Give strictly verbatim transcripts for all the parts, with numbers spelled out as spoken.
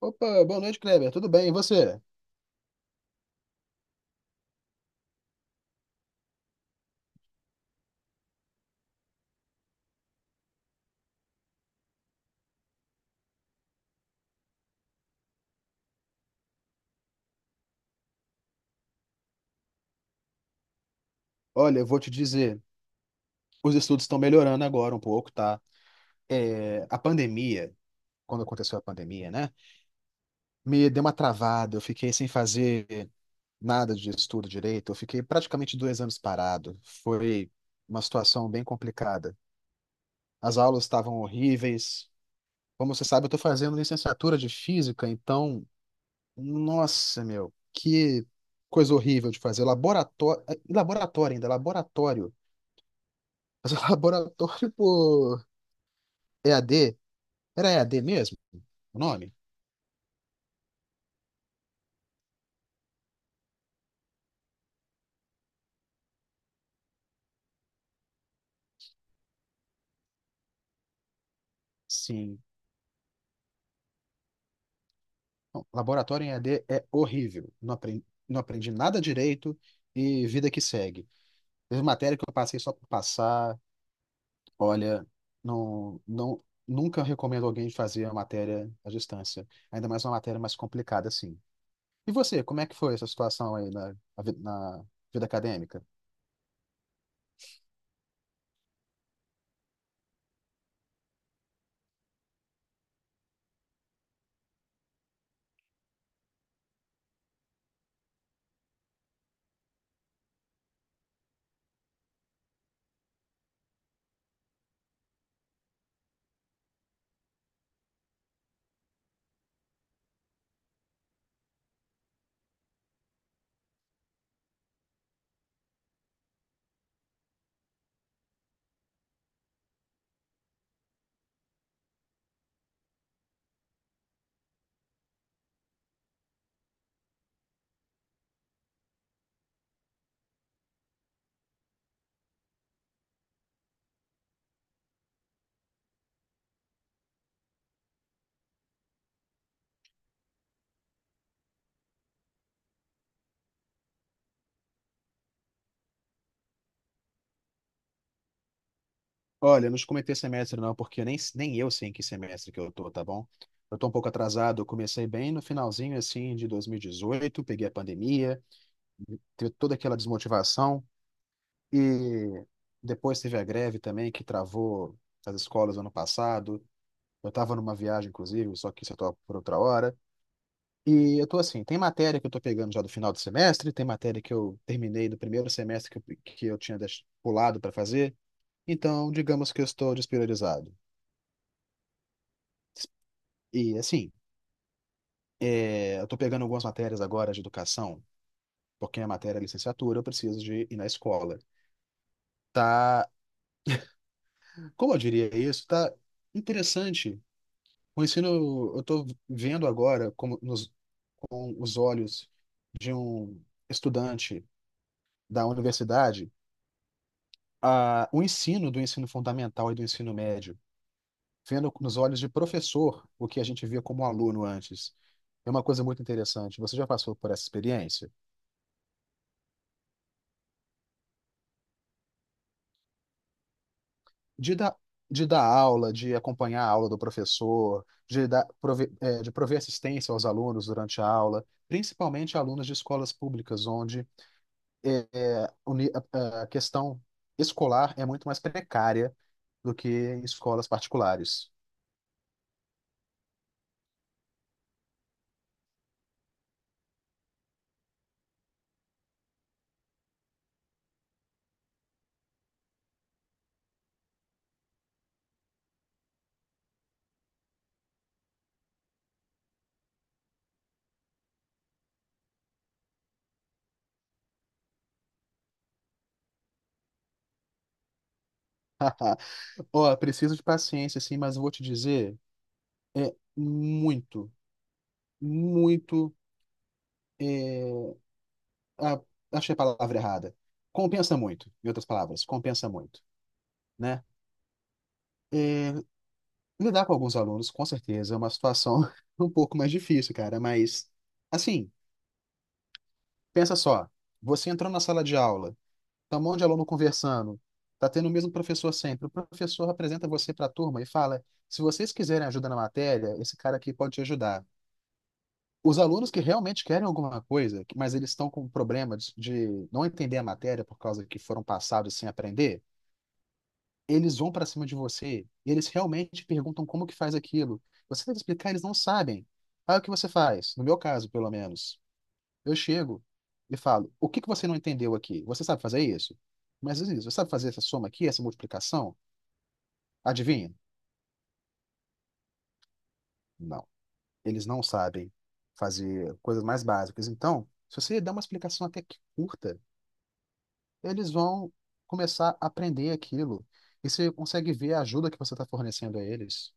Opa, boa noite, Kleber. Tudo bem? E você? Olha, eu vou te dizer, os estudos estão melhorando agora um pouco, tá? É, a pandemia, quando aconteceu a pandemia, né? Me deu uma travada, eu fiquei sem fazer nada de estudo direito, eu fiquei praticamente dois anos parado. Foi uma situação bem complicada. As aulas estavam horríveis. Como você sabe, eu estou fazendo licenciatura de física, então, nossa, meu, que coisa horrível de fazer. Laboratório, eh, laboratório ainda, laboratório. Mas o laboratório por E A D, era E A D mesmo o nome? Sim. Não, laboratório em E A D é horrível. Não aprendi, não aprendi nada direito e vida que segue. Teve matéria que eu passei só por passar. Olha, não, não, nunca recomendo alguém fazer a matéria à distância. Ainda mais uma matéria mais complicada assim. E você, como é que foi essa situação aí na, na vida acadêmica? Olha, eu não te comentei semestre não, porque eu nem, nem eu sei em que semestre que eu tô, tá bom? Eu tô um pouco atrasado, eu comecei bem no finalzinho, assim, de dois mil e dezoito, peguei a pandemia, teve toda aquela desmotivação, e depois teve a greve também, que travou as escolas ano passado. Eu tava numa viagem, inclusive, só que isso eu tô por outra hora. E eu tô assim, tem matéria que eu tô pegando já do final do semestre, tem matéria que eu terminei do primeiro semestre que eu, que eu tinha deix- pulado para fazer, então digamos que eu estou despriorizado. E assim, é, eu tô pegando algumas matérias agora de educação, porque a matéria é licenciatura, eu preciso de ir na escola. Tá, como eu diria isso, tá interessante. O ensino, eu tô vendo agora como nos com os olhos de um estudante da universidade, a, o ensino do ensino fundamental e do ensino médio, vendo nos olhos de professor o que a gente via como aluno antes. É uma coisa muito interessante. Você já passou por essa experiência? de dar, de dar aula, de acompanhar a aula do professor, de dar, prove- eh, de prover assistência aos alunos durante a aula, principalmente alunos de escolas públicas, onde eh, eh, o ni- a a questão escolar é muito mais precária do que em escolas particulares. Ó, preciso de paciência, sim, mas eu vou te dizer, é muito, muito, eh, ah, achei a palavra errada. Compensa muito, em outras palavras, compensa muito, né? É, Lidar com alguns alunos, com certeza, é uma situação um pouco mais difícil, cara, mas assim, pensa só, você entrou na sala de aula, tá um monte de aluno conversando, tá tendo o mesmo professor sempre, o professor apresenta você para a turma e fala: se vocês quiserem ajuda na matéria, esse cara aqui pode te ajudar. Os alunos que realmente querem alguma coisa, mas eles estão com problema de de não entender a matéria por causa que foram passados sem aprender, eles vão para cima de você, eles realmente perguntam como que faz aquilo. Você deve explicar, eles não sabem. Aí o que você faz? No meu caso, pelo menos. Eu chego e falo: o que que você não entendeu aqui? Você sabe fazer isso? Mas isso, você sabe fazer essa soma aqui, essa multiplicação? Adivinha? Não. Eles não sabem fazer coisas mais básicas. Então, se você dá uma explicação até que curta, eles vão começar a aprender aquilo. E você consegue ver a ajuda que você está fornecendo a eles.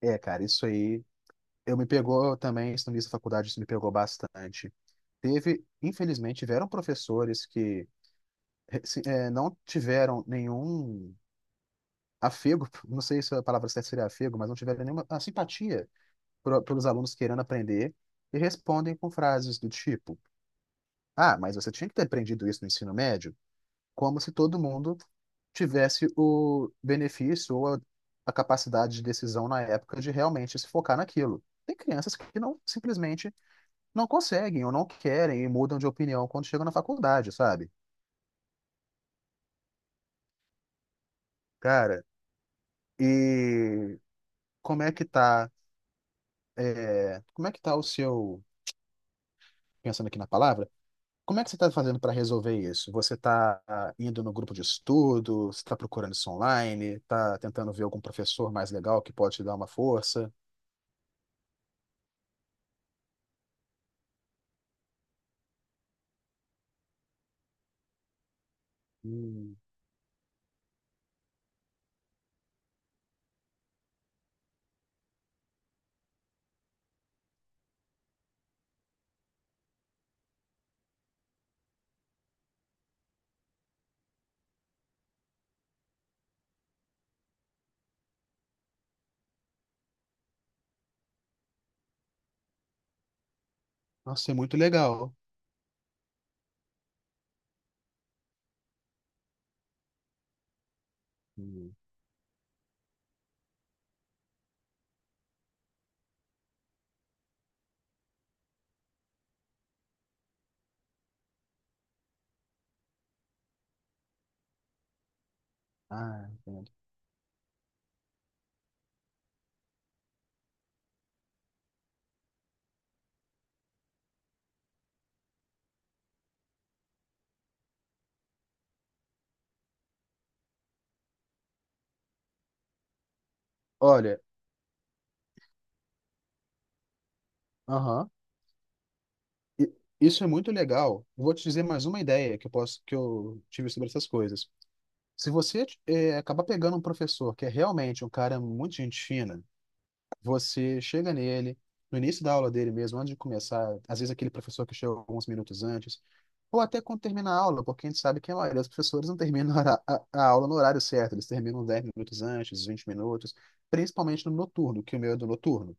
É, cara, isso aí. Eu me pegou também, isso no início da faculdade, isso me pegou bastante. Teve, infelizmente, tiveram professores que eh, se- eh, não tiveram nenhum afego, não sei se a palavra certa seria afego, mas não tiveram nenhuma ah, simpatia pro- pelos alunos querendo aprender e respondem com frases do tipo: Ah, mas você tinha que ter aprendido isso no ensino médio? Como se todo mundo tivesse o benefício ou a a capacidade de decisão na época de realmente se focar naquilo. Tem crianças que não simplesmente não conseguem ou não querem e mudam de opinião quando chegam na faculdade, sabe? Cara, e como é que tá, é, como é que tá o seu, pensando aqui na palavra, como é que você tá fazendo para resolver isso? Você tá ah, indo no grupo de estudo, você tá procurando isso online, tá tentando ver algum professor mais legal que pode te dar uma força? Hum, nossa, é muito legal. Hum, ah, entendo. Olha, aham. I- Isso é muito legal. Vou te dizer mais uma ideia que eu posso que eu tive sobre essas coisas. Se você eh, acabar pegando um professor que é realmente um cara muito gente fina, você chega nele, no início da aula dele mesmo, antes de começar, às vezes aquele professor que chega alguns minutos antes, ou até quando termina a aula, porque a gente sabe que a maioria dos professores não termina a, hora- a- a aula no horário certo, eles terminam dez minutos antes, vinte minutos, principalmente no noturno, que o meu é do noturno.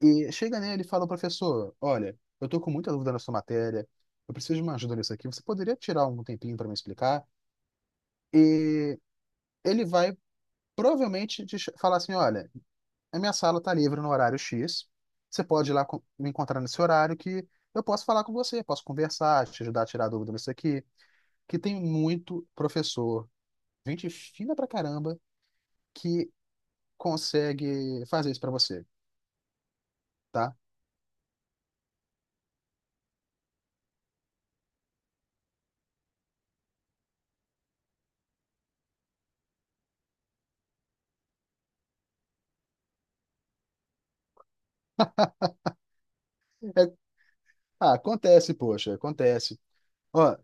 E chega nele e fala, professor, olha, eu tô com muita dúvida na sua matéria, eu preciso de uma ajuda nisso aqui, você poderia tirar um tempinho para me explicar? E ele vai provavelmente te ch- falar assim, olha, a minha sala está livre no horário X, você pode ir lá co- me encontrar nesse horário que eu posso falar com você, posso conversar, te ajudar a tirar dúvida nisso aqui, que tem muito professor, gente fina pra caramba, que consegue fazer isso pra você, tá? É- ah, acontece, poxa, acontece. Ó,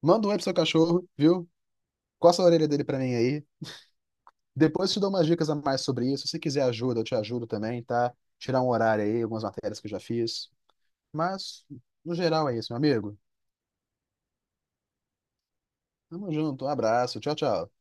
manda um oi pro seu cachorro, viu? Coça a orelha dele pra mim aí. Depois te dou umas dicas a mais sobre isso. Se quiser ajuda, eu te ajudo também, tá? Tirar um horário aí, algumas matérias que eu já fiz. Mas, no geral, é isso, meu amigo. Tamo junto, um abraço, tchau, tchau.